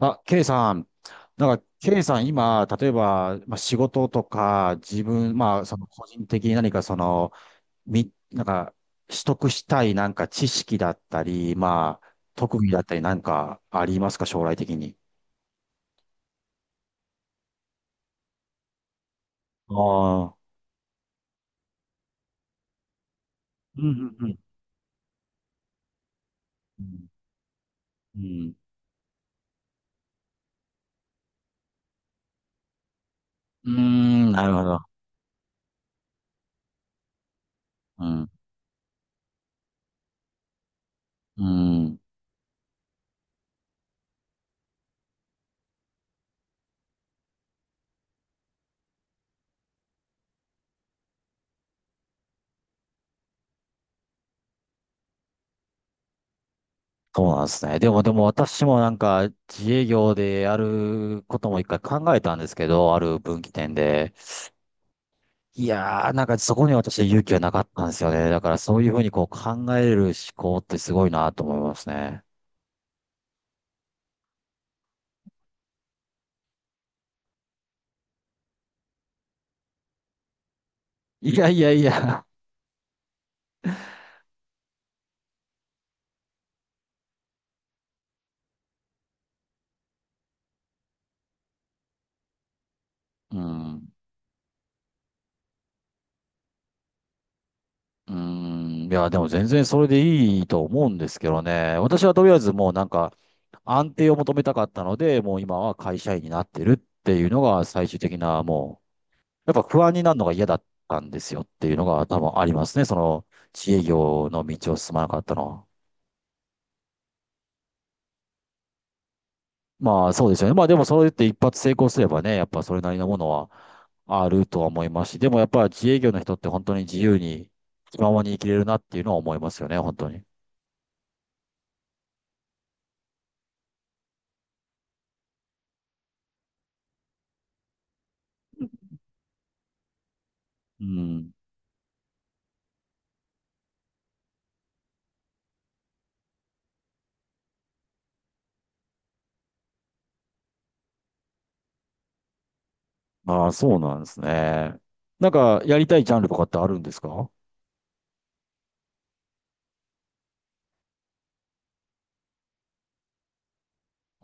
あ、ケイさん。ケイさん、今、例えば、仕事とか、自分、個人的に何かその、み、なんか、取得したい知識だったり、特技だったりなんかありますか、将来的に。ああ。うんうんうん。うん。うん、んなるほど。うん。うん。そうなんですね。でも、でも私もなんか、自営業でやることも一回考えたんですけど、ある分岐点で。いやー、なんかそこに私は勇気はなかったんですよね。だからそういうふうにこう考える思考ってすごいなと思いますね。いやいやいや。うん。うん。いや、でも全然それでいいと思うんですけどね。私はとりあえずもうなんか安定を求めたかったので、もう今は会社員になってるっていうのが最終的なもう、やっぱ不安になるのが嫌だったんですよっていうのが多分ありますね。その自営業の道を進まなかったのは。まあそうですよね。まあでもそれって一発成功すればね、やっぱそれなりのものはあるとは思いますし、でもやっぱ自営業の人って本当に自由に気ままに生きれるなっていうのは思いますよね、本当に。うん。ああ、そうなんですね。なんかやりたいジャンルとかってあるんですか？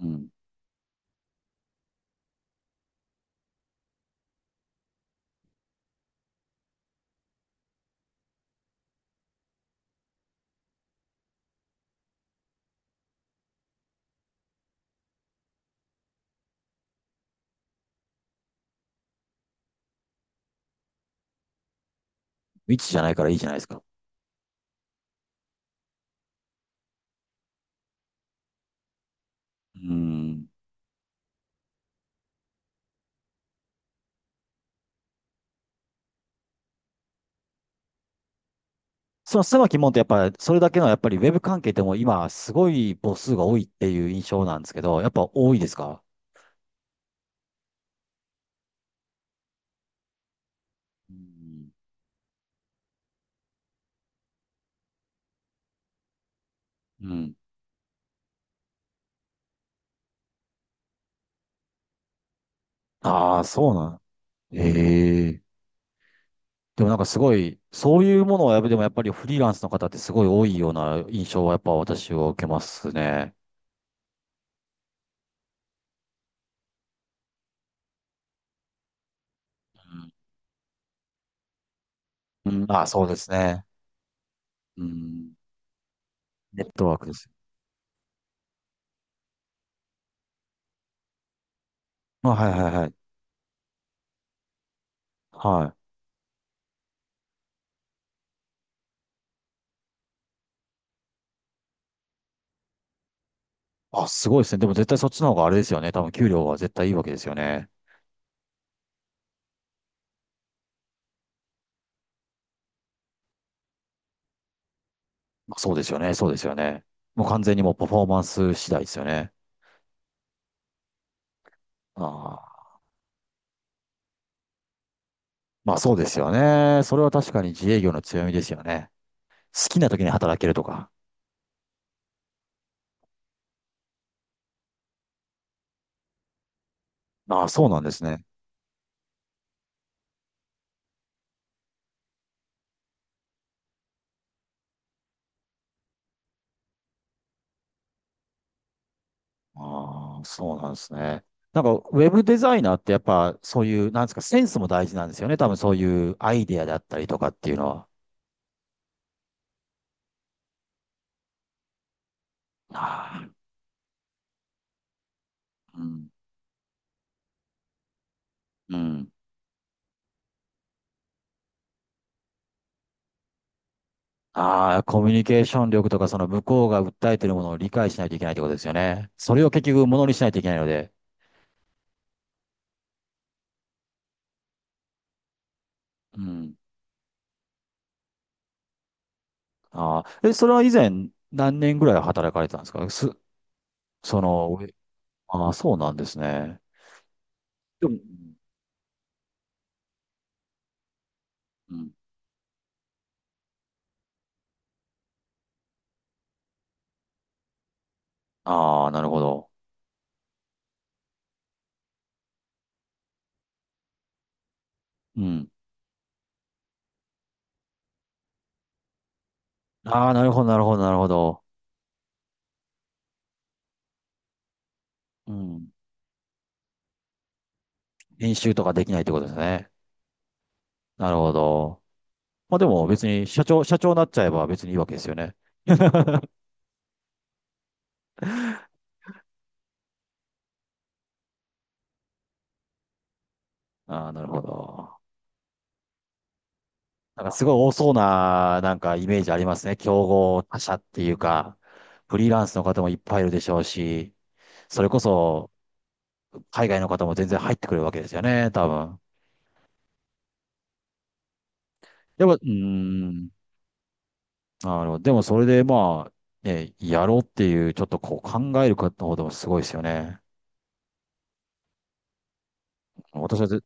うん。未知じゃないからいいじゃないですか。うん。その狭き門ってやっぱりそれだけのやっぱりウェブ関係でも今すごい母数が多いっていう印象なんですけど、やっぱ多いですか？うん。うん。ああ、そうなん。ええ。でもなんかすごい、そういうものはやっぱでもやっぱりフリーランスの方ってすごい多いような印象はやっぱ私は受けますね。うん。うんあ、そうですね。うん。ネットワークです。あ、はいはいはい。はい。あ、すごいですね。でも絶対そっちの方があれですよね。多分給料は絶対いいわけですよね。まあ、そうですよね。そうですよね。もう完全にもうパフォーマンス次第ですよね。ああ。まあそうですよね。それは確かに自営業の強みですよね。好きな時に働けるとか。ああ、そうなんですね。ああ、そうなんですね。なんか、ウェブデザイナーってやっぱ、そういう、なんですか、センスも大事なんですよね。多分そういうアイデアだったりとかっていうのは。ああ、うん。うん。ああ、コミュニケーション力とか、その向こうが訴えてるものを理解しないといけないってことですよね。それを結局、ものにしないといけないので。うん。ああ、え、それは以前、何年ぐらい働かれてたんですかす、その、ああ、そうなんですね。でも、うん。ああ、なるほど。うん。ああ、なるほど、なるほど、なるほど。うん。練習とかできないってことですね。なるほど。まあでも別に社長、社長になっちゃえば別にいいわけですよね。ああ、なるほど。なんかすごい多そうな、なんかイメージありますね。競合他社っていうか、フリーランスの方もいっぱいいるでしょうし、それこそ海外の方も全然入ってくるわけですよね、多分。やっぱ、うーん、なるほど。でもそれでまあ、ね、やろうっていう、ちょっとこう考える方の方でもすごいですよね。私はぜ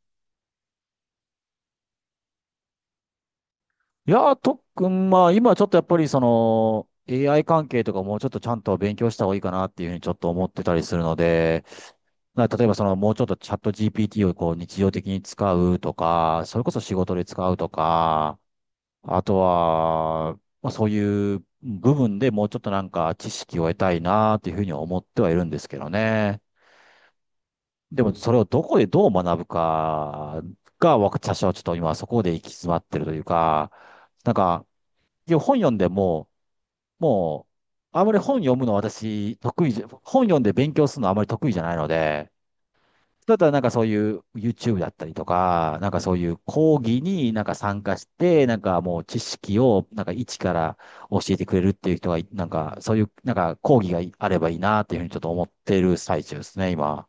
いやー、とっくん、まあ、今ちょっとやっぱりその、AI 関係とかもうちょっとちゃんと勉強した方がいいかなっていうふうにちょっと思ってたりするので、な例えばその、もうちょっとチャット GPT をこう日常的に使うとか、それこそ仕事で使うとか、あとは、まあ、そういう部分でもうちょっとなんか知識を得たいなっていうふうには思ってはいるんですけどね。でもそれをどこでどう学ぶかが、私はちょっと今そこで行き詰まってるというか、なんか、で本読んでも、もう、あまり本読むの私、得意じゃ、本読んで勉強するのあまり得意じゃないので、だったらなんかそういう YouTube だったりとか、なんかそういう講義になんか参加して、なんかもう知識をなんか一から教えてくれるっていう人がい、なんかそういうなんか講義があればいいなっていうふうにちょっと思ってる最中ですね、今。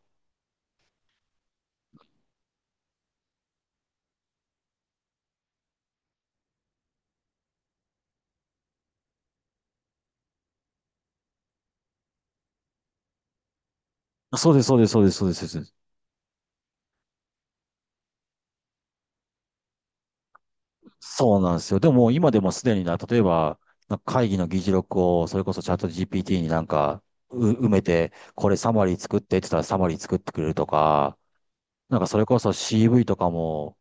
そうです、そうです、そうです、そうです。そうなんですよ。でも今でもすでにな、例えば、なんか会議の議事録をそれこそチャット GPT になんかう埋めて、これサマリー作ってって言ったらサマリー作ってくれるとか、なんかそれこそ CV とかも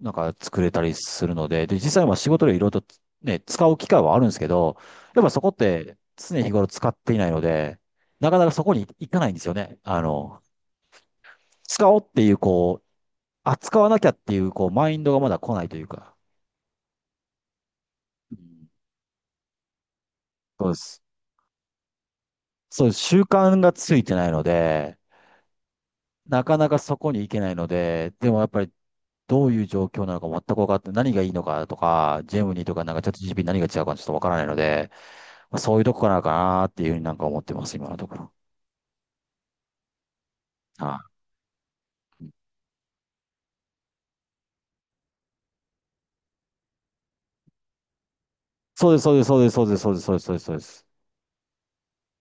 なんか作れたりするので、で、実際は仕事でいろいろとね、使う機会はあるんですけど、やっぱそこって常日頃使っていないので、なかなかそこに行かないんですよね。あの、使おうっていうこう、あ、使わなきゃっていうこうマインドがまだ来ないというか。うんそうです。そうです。習慣がついてないので、なかなかそこに行けないので、でもやっぱりどういう状況なのか全く分かって、何がいいのかとか、ジェムニーとかなんかチャット GP 何が違うかちょっと分からないので、まあ、そういうとこかなかなっていうふうになんか思ってます、今のところ。はい。そうです、そうです、そうです、そうです、そうです、そうです、そうです。そうです。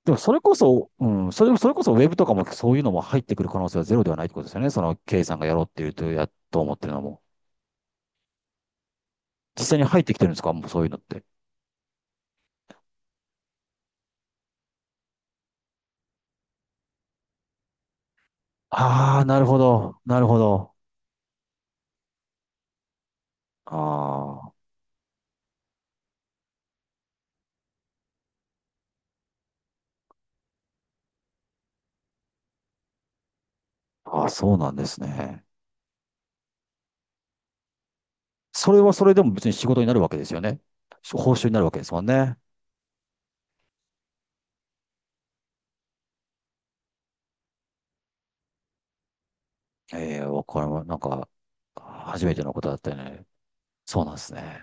でもそれこそ、うん、それ、それこそウェブとかもそういうのも入ってくる可能性はゼロではないってことですよね。その K さんがやろうっていうと、や、と思ってるのも。実際に入ってきてるんですか？もうそういうのって。ああ、なるほど、なるほど。ああ、あ、そうなんですね。それはそれでも別に仕事になるわけですよね。報酬になるわけですもんね。ええ、わかりま、なんか、初めてのことだったよね。そうなんですね。